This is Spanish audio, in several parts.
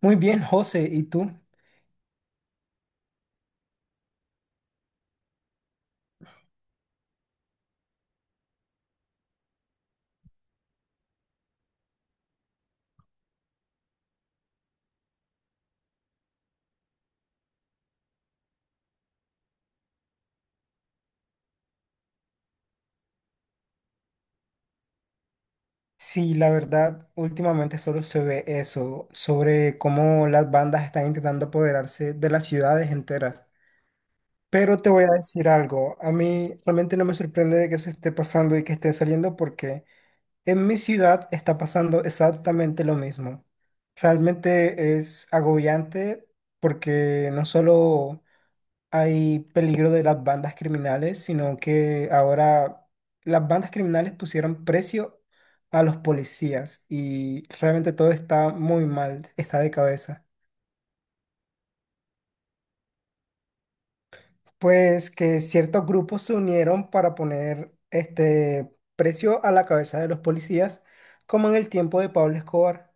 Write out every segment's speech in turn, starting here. Muy bien, José, ¿y tú? Sí, la verdad, últimamente solo se ve eso, sobre cómo las bandas están intentando apoderarse de las ciudades enteras. Pero te voy a decir algo, a mí realmente no me sorprende de que eso esté pasando y que esté saliendo porque en mi ciudad está pasando exactamente lo mismo. Realmente es agobiante porque no solo hay peligro de las bandas criminales, sino que ahora las bandas criminales pusieron precio a los policías y realmente todo está muy mal, está de cabeza. Pues que ciertos grupos se unieron para poner este precio a la cabeza de los policías, como en el tiempo de Pablo Escobar.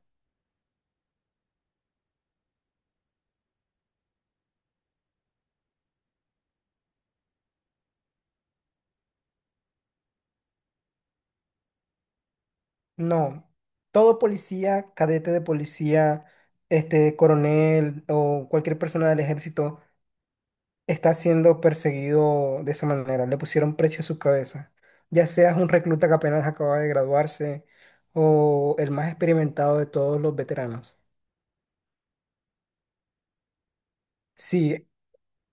No, todo policía, cadete de policía, este coronel o cualquier persona del ejército está siendo perseguido de esa manera. Le pusieron precio a su cabeza. Ya seas un recluta que apenas acaba de graduarse o el más experimentado de todos los veteranos. Sí,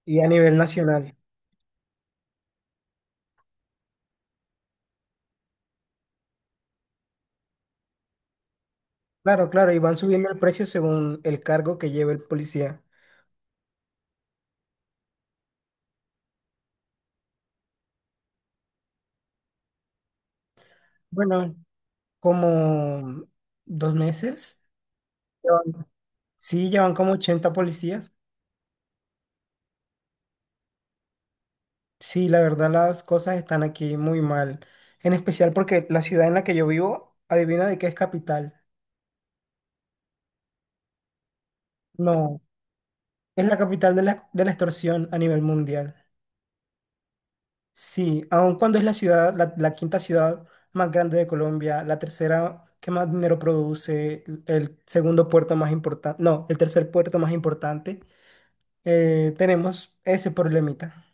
y a nivel nacional. Claro, claro, y van subiendo el precio según el cargo que lleve el policía. Bueno, como 2 meses. Llevan- Sí, llevan como 80 policías. Sí, la verdad las cosas están aquí muy mal. En especial porque la ciudad en la que yo vivo, adivina de qué es capital. No, es la capital de la extorsión a nivel mundial. Sí, aun cuando es la ciudad, la quinta ciudad más grande de Colombia, la tercera que más dinero produce, el segundo puerto más importante, no, el tercer puerto más importante, tenemos ese problemita.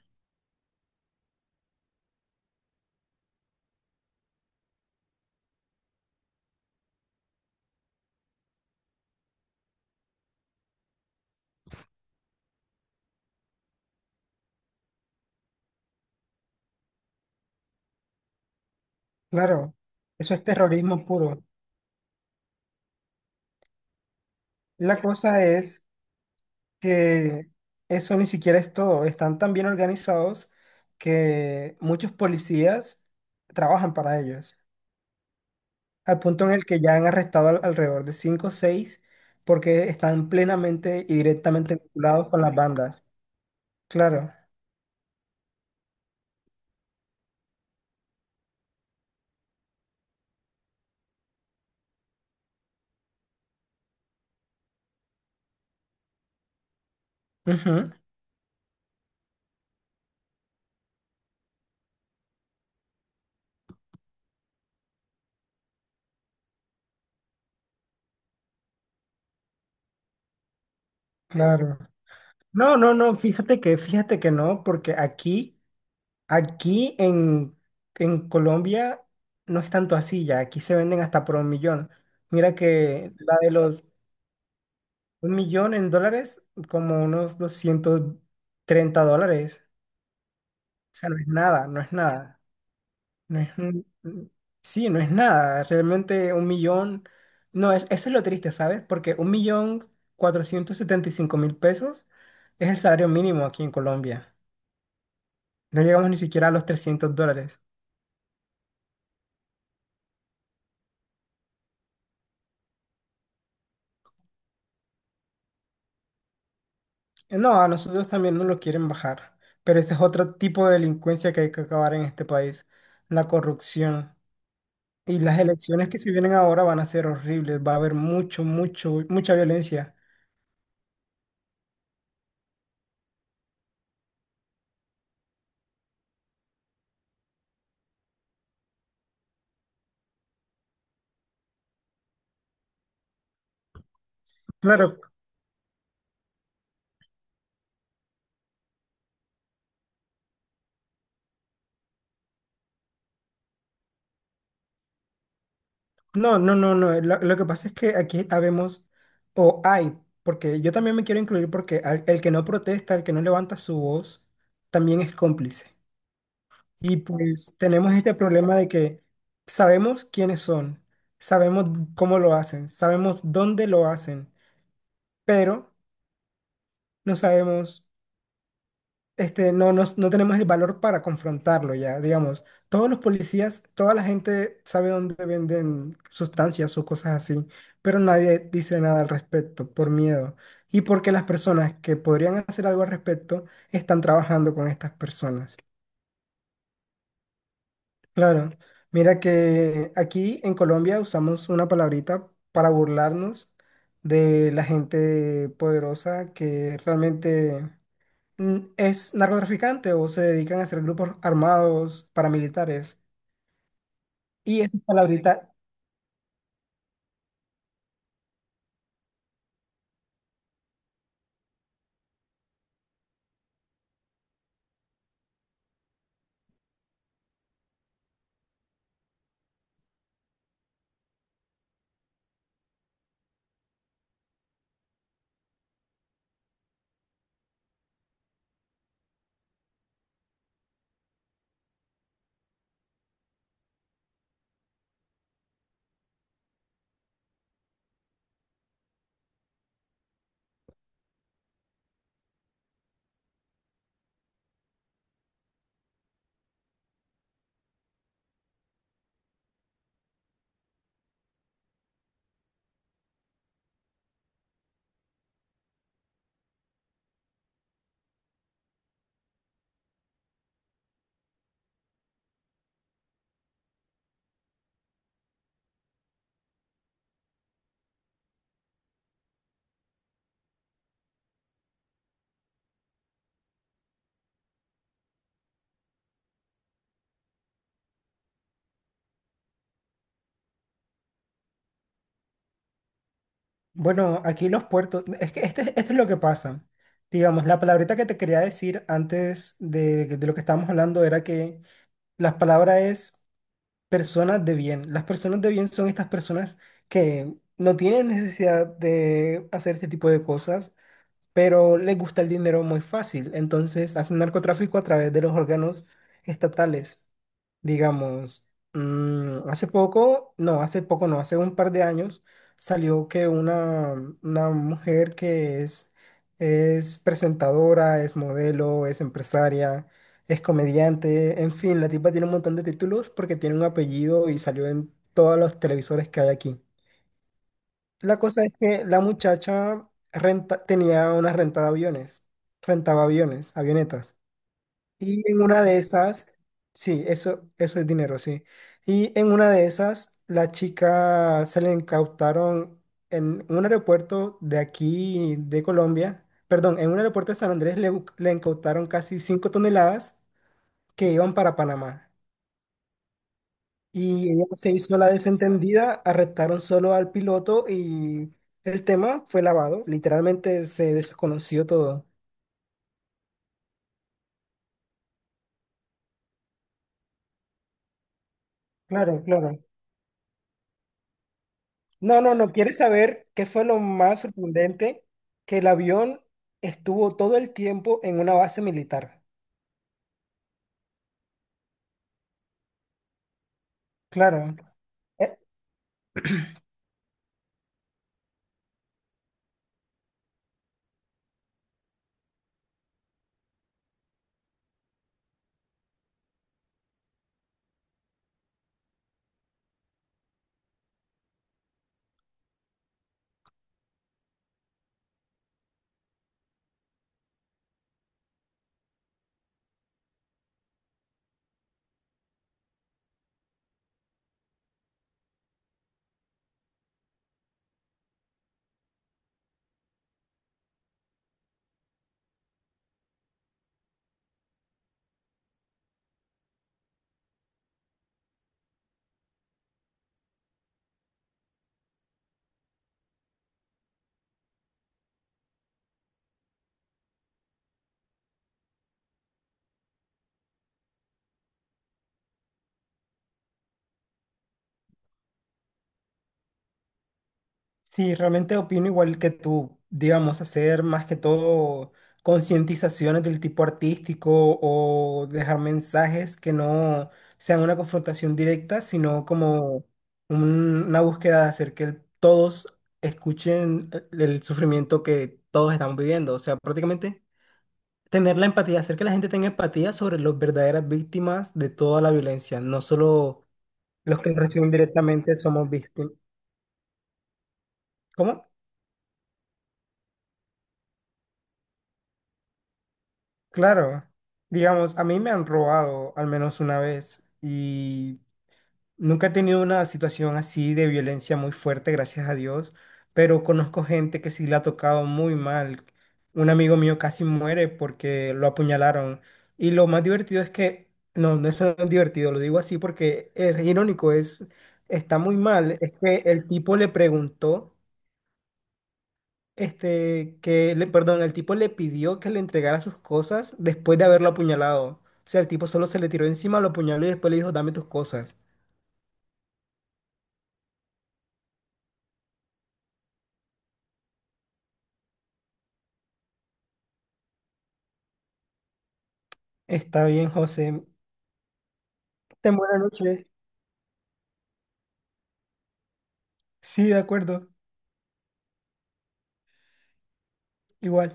Claro, eso es terrorismo puro. La cosa es que eso ni siquiera es todo. Están tan bien organizados que muchos policías trabajan para ellos. Al punto en el que ya han arrestado alrededor de 5 o 6 porque están plenamente y directamente vinculados con las bandas. Claro, ujú, claro. No, no, no, fíjate que no, porque aquí en Colombia no es tanto así ya, aquí se venden hasta por 1 millón. Mira que la de los 1 millón en dólares, como unos $230, o sea, no es nada, no es nada. No es, sí, no es nada. Realmente 1 millón. No, eso es lo triste, ¿sabes? Porque 1.475.000 pesos es el salario mínimo aquí en Colombia. No llegamos ni siquiera a los $300. No, a nosotros también nos lo quieren bajar. Pero ese es otro tipo de delincuencia que hay que acabar en este país: la corrupción. Y las elecciones que se vienen ahora van a ser horribles. Va a haber mucho, mucho, mucha violencia. Claro, no, no, no, no. Lo que pasa es que aquí habemos, o hay, porque yo también me quiero incluir porque el que no protesta, el que no levanta su voz, también es cómplice. Y pues tenemos este problema de que sabemos quiénes son, sabemos cómo lo hacen, sabemos dónde lo hacen, pero no sabemos. No tenemos el valor para confrontarlo ya, digamos. Todos los policías, toda la gente sabe dónde venden sustancias o cosas así, pero nadie dice nada al respecto por miedo y porque las personas que podrían hacer algo al respecto están trabajando con estas personas. Claro, mira que aquí en Colombia usamos una palabrita para burlarnos de la gente poderosa que realmente es narcotraficante o se dedican a hacer grupos armados paramilitares. Y esa palabrita, bueno, aquí los puertos, es que esto es lo que pasa. Digamos, la palabrita que te quería decir antes de lo que estábamos hablando era que la palabra es personas de bien. Las personas de bien son estas personas que no tienen necesidad de hacer este tipo de cosas pero les gusta el dinero muy fácil. Entonces hacen narcotráfico a través de los órganos estatales. Digamos, hace poco, no, hace poco, no, hace un par de años salió que una mujer que es presentadora, es modelo, es empresaria, es comediante, en fin, la tipa tiene un montón de títulos porque tiene un apellido y salió en todos los televisores que hay aquí. La cosa es que la muchacha renta, tenía una renta de aviones, rentaba aviones, avionetas. Y en una de esas, sí, eso es dinero, sí. Y en una de esas, la chica se le incautaron en un aeropuerto de aquí, de Colombia, perdón, en un aeropuerto de San Andrés le incautaron casi 5 toneladas que iban para Panamá. Y ella se hizo la desentendida, arrestaron solo al piloto y el tema fue lavado. Literalmente se desconoció todo. Claro, claro. No, no, no. ¿Quieres saber qué fue lo más sorprendente? Que el avión estuvo todo el tiempo en una base militar. Claro. Sí, realmente opino igual que tú, digamos, hacer más que todo concientizaciones del tipo artístico o dejar mensajes que no sean una confrontación directa, sino como una búsqueda de hacer que todos escuchen el sufrimiento que todos estamos viviendo. O sea, prácticamente tener la empatía, hacer que la gente tenga empatía sobre las verdaderas víctimas de toda la violencia, no solo los que reciben directamente somos víctimas. ¿Cómo? Claro, digamos, a mí me han robado al menos una vez y nunca he tenido una situación así de violencia muy fuerte, gracias a Dios, pero conozco gente que sí le ha tocado muy mal. Un amigo mío casi muere porque lo apuñalaron y lo más divertido es que, no, no es tan divertido, lo digo así porque es irónico, está muy mal, es que el tipo le preguntó. Perdón, el tipo le pidió que le entregara sus cosas después de haberlo apuñalado. O sea, el tipo solo se le tiró encima, lo apuñaló y después le dijo, dame tus cosas. Está bien, José. Ten buena noche. Sí, de acuerdo. Igual.